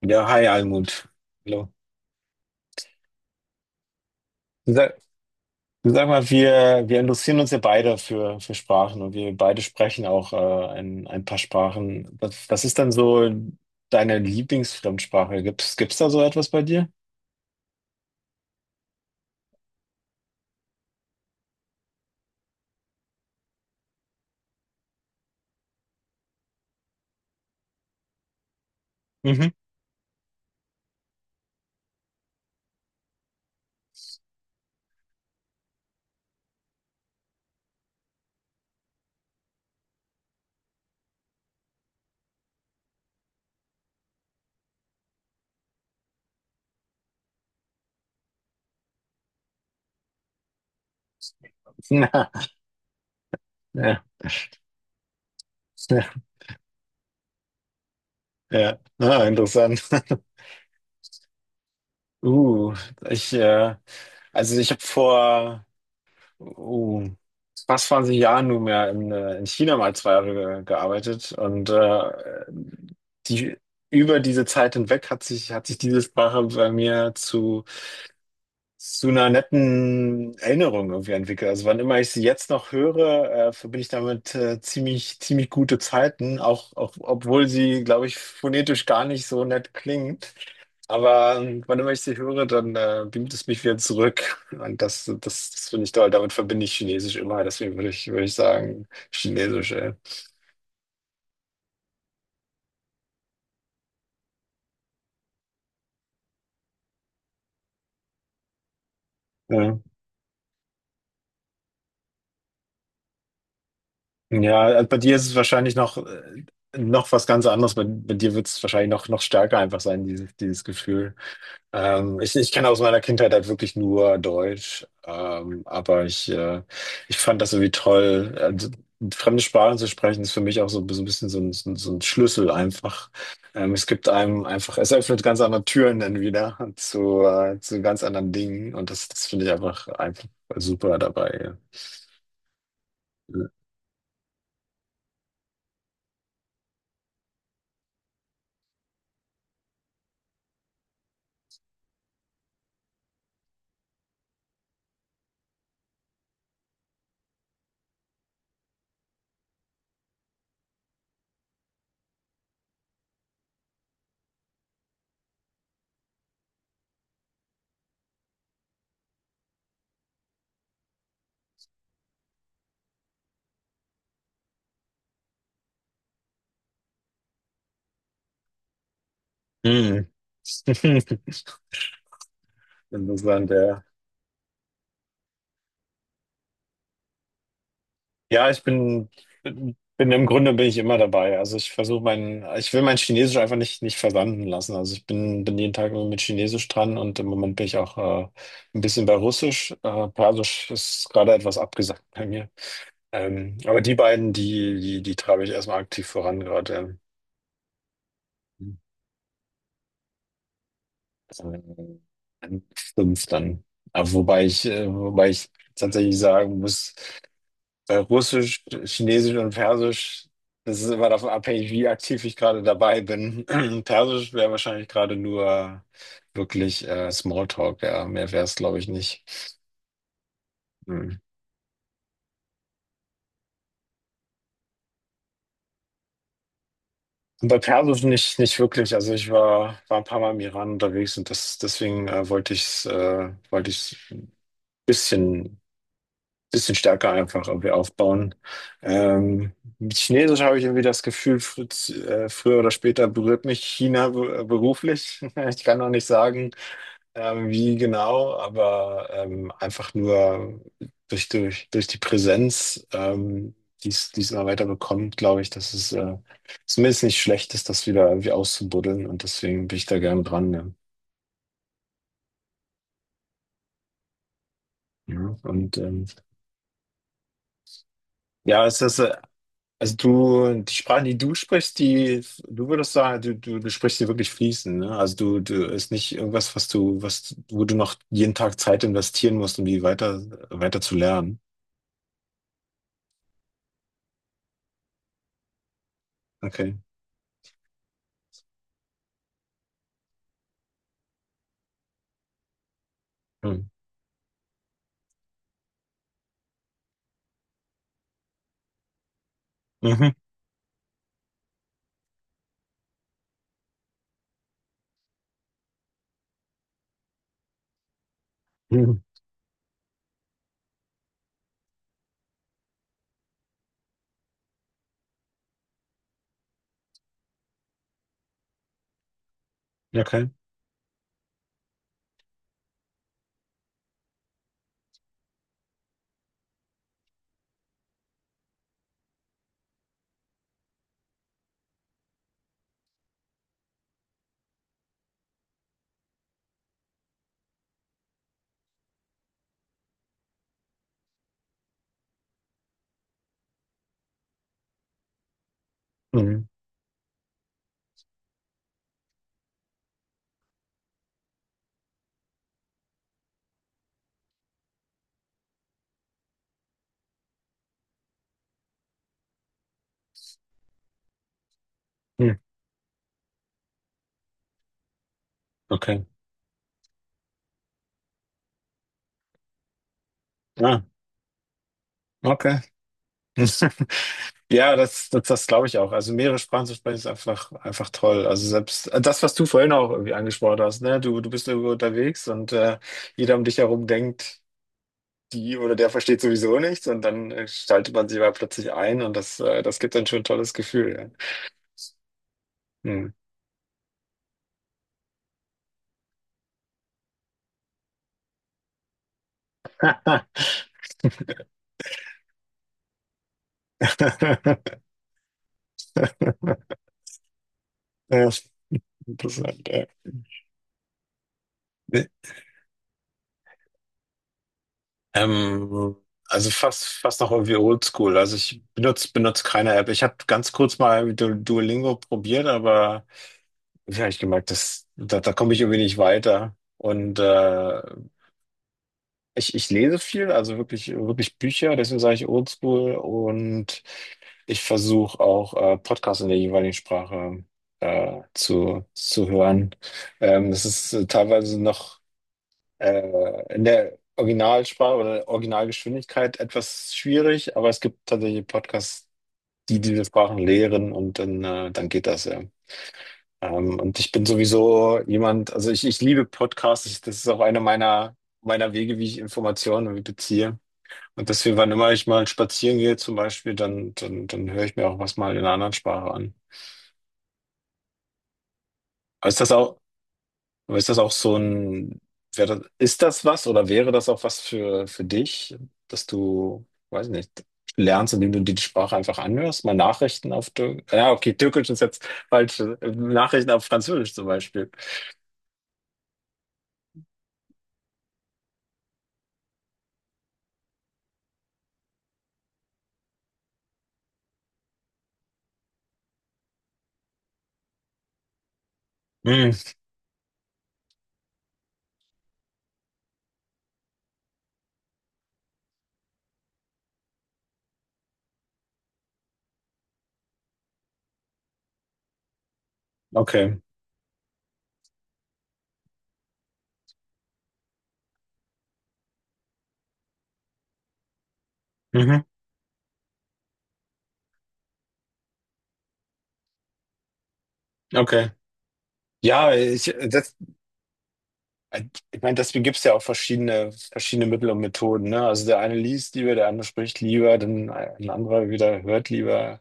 Ja, hi Almut. Hallo. Du sag, du sag mal, wir interessieren uns ja beide für Sprachen und wir beide sprechen auch ein paar Sprachen. Was ist denn so deine Lieblingsfremdsprache? Gibt's da so etwas bei dir? Mhm. Na, ja, ja, ja. Ah, interessant. Uh, ich, äh, also ich habe vor. oh, fast 20 Jahre nunmehr in China mal 2 Jahre ge gearbeitet und die, über diese Zeit hinweg hat sich diese Sprache bei mir zu einer netten Erinnerung irgendwie entwickelt. Also wann immer ich sie jetzt noch höre, verbinde ich damit ziemlich gute Zeiten, auch, auch obwohl sie, glaube ich, phonetisch gar nicht so nett klingt. Aber wann immer ich sie höre, dann beamt es mich wieder zurück. Und das finde ich toll. Damit verbinde ich Chinesisch immer. Deswegen würde ich sagen, Chinesisch, ey. Ja, ja also bei dir ist es wahrscheinlich noch was ganz anderes. Bei dir wird es wahrscheinlich noch, noch stärker einfach sein, dieses Gefühl. Ich kenne aus meiner Kindheit halt wirklich nur Deutsch, aber ich fand das irgendwie toll. Also, fremde Sprachen zu sprechen ist für mich auch so, so ein bisschen so ein Schlüssel einfach. Es gibt einem einfach, es öffnet ganz andere Türen dann wieder zu ganz anderen Dingen und das finde ich einfach super dabei. Ja. Mhm. Interessant, ja. Ja, ich bin, bin im Grunde bin ich immer dabei. Also ich will mein Chinesisch einfach nicht versanden lassen. Also ich bin jeden Tag mit Chinesisch dran und im Moment bin ich auch äh, ein bisschen bei Russisch. Persisch ist gerade etwas abgesagt bei mir. Aber die beiden, die treibe ich erstmal aktiv voran gerade. Ähm, ähm, fünf dann. Aber wobei ich tatsächlich sagen muss, Russisch, Chinesisch und Persisch, das ist immer davon abhängig, wie aktiv ich gerade dabei bin. Persisch wäre wahrscheinlich gerade nur wirklich Smalltalk, ja. Mehr wäre es, glaube ich, nicht. Hm. Und bei Persisch nicht wirklich. Also ich war ein paar Mal im Iran unterwegs und das, deswegen wollte ich ein bisschen bisschen stärker einfach irgendwie aufbauen. Ähm, mit Chinesisch habe ich irgendwie das Gefühl, fr früher oder später berührt mich China beruflich. Ich kann noch nicht sagen, wie genau, aber einfach nur durch die Präsenz, die es immer weiter bekommt, glaube ich, dass es zumindest nicht schlecht ist, das wieder irgendwie auszubuddeln und deswegen bin ich da gerne dran. Ja. Ja, und ähm, ja, es ist Also du, die Sprachen, die du sprichst, die, du würdest sagen, du sprichst sie wirklich fließend, ne? Also du ist nicht irgendwas, was, wo du noch jeden Tag Zeit investieren musst, um die weiter zu lernen. Okay. Hm. Mhm. Mhm. Okay. Mhm. Mhm. Okay. Ja, okay. Ja, das glaube ich auch. Also mehrere Sprachen zu sprechen ist einfach toll. Also selbst das, was du vorhin auch irgendwie angesprochen hast, ne? Du bist irgendwo unterwegs und jeder um dich herum denkt. Die oder der versteht sowieso nichts und dann schaltet man sich aber plötzlich ein und das gibt dann schon ein tolles Gefühl. Ja. Hm. Ja, interessant. Ja. Nee, Ähm, also fast noch irgendwie oldschool. Also ich benutze keine App. Ich habe ganz kurz mal Duolingo probiert, aber ja, ich gemerkt, dass, da komme ich irgendwie nicht weiter. Und ich lese viel, also wirklich Bücher, deswegen sage ich Oldschool und ich versuche auch Podcasts in der jeweiligen Sprache zu hören. Das ist teilweise noch in der Originalsprache oder Originalgeschwindigkeit etwas schwierig, aber es gibt tatsächlich Podcasts, die diese Sprachen lehren und dann, dann geht das ja. Und ich bin sowieso jemand, also ich liebe Podcasts, ich, das ist auch meiner Wege, wie ich Informationen irgendwie beziehe. Und deswegen, wann immer ich mal spazieren gehe, zum Beispiel, dann höre ich mir auch was mal in einer anderen Sprache an. Aber ist das auch, ist das auch so ein, ist das was oder wäre das auch was für dich, dass du, weiß nicht, lernst, indem du dir die Sprache einfach anhörst? Mal Nachrichten auf Türkisch. Ja, okay, Türkisch ist jetzt falsch. Nachrichten auf Französisch zum Beispiel. Hm, okay. Mhm, okay. Ja, ich, das, Äh, Ich meine, deswegen gibt es ja auch verschiedene Mittel und Methoden, ne? Also der eine liest lieber, der andere spricht lieber, dann ein anderer wieder hört lieber.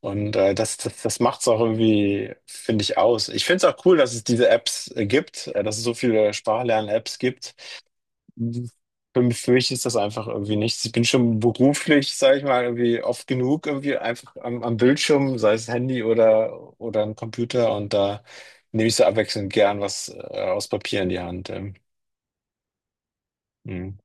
Und das macht es auch irgendwie, finde ich, aus. Ich finde es auch cool, dass es diese Apps gibt, dass es so viele Sprachlern-Apps gibt. Für mich ist das einfach irgendwie nichts. Ich bin schon beruflich, sage ich mal, irgendwie oft genug irgendwie einfach am Bildschirm, sei es Handy oder ein Computer. Und da nehme ich so abwechselnd gern was aus Papier in die Hand. Ja. Mhm.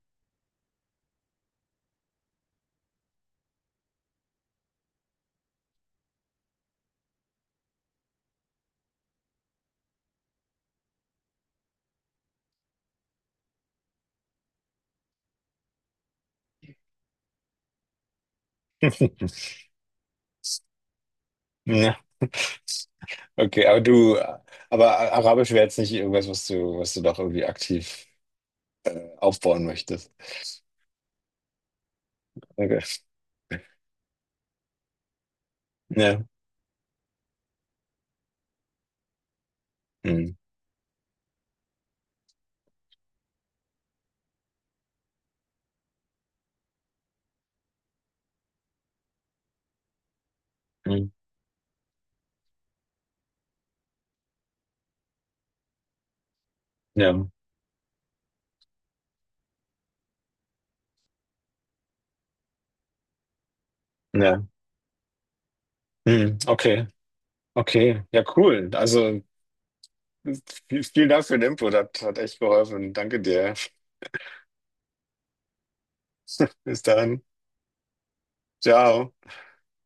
Ja, okay, aber Arabisch wäre jetzt nicht irgendwas, was du doch irgendwie aktiv aufbauen möchtest. Okay. Ja. Mhm. Mhm. Ja. Ja. Mhm. Okay. Okay. Ja, cool. Also vielen Dank für den Input. Hat echt geholfen. Danke dir. Bis dann. Ciao.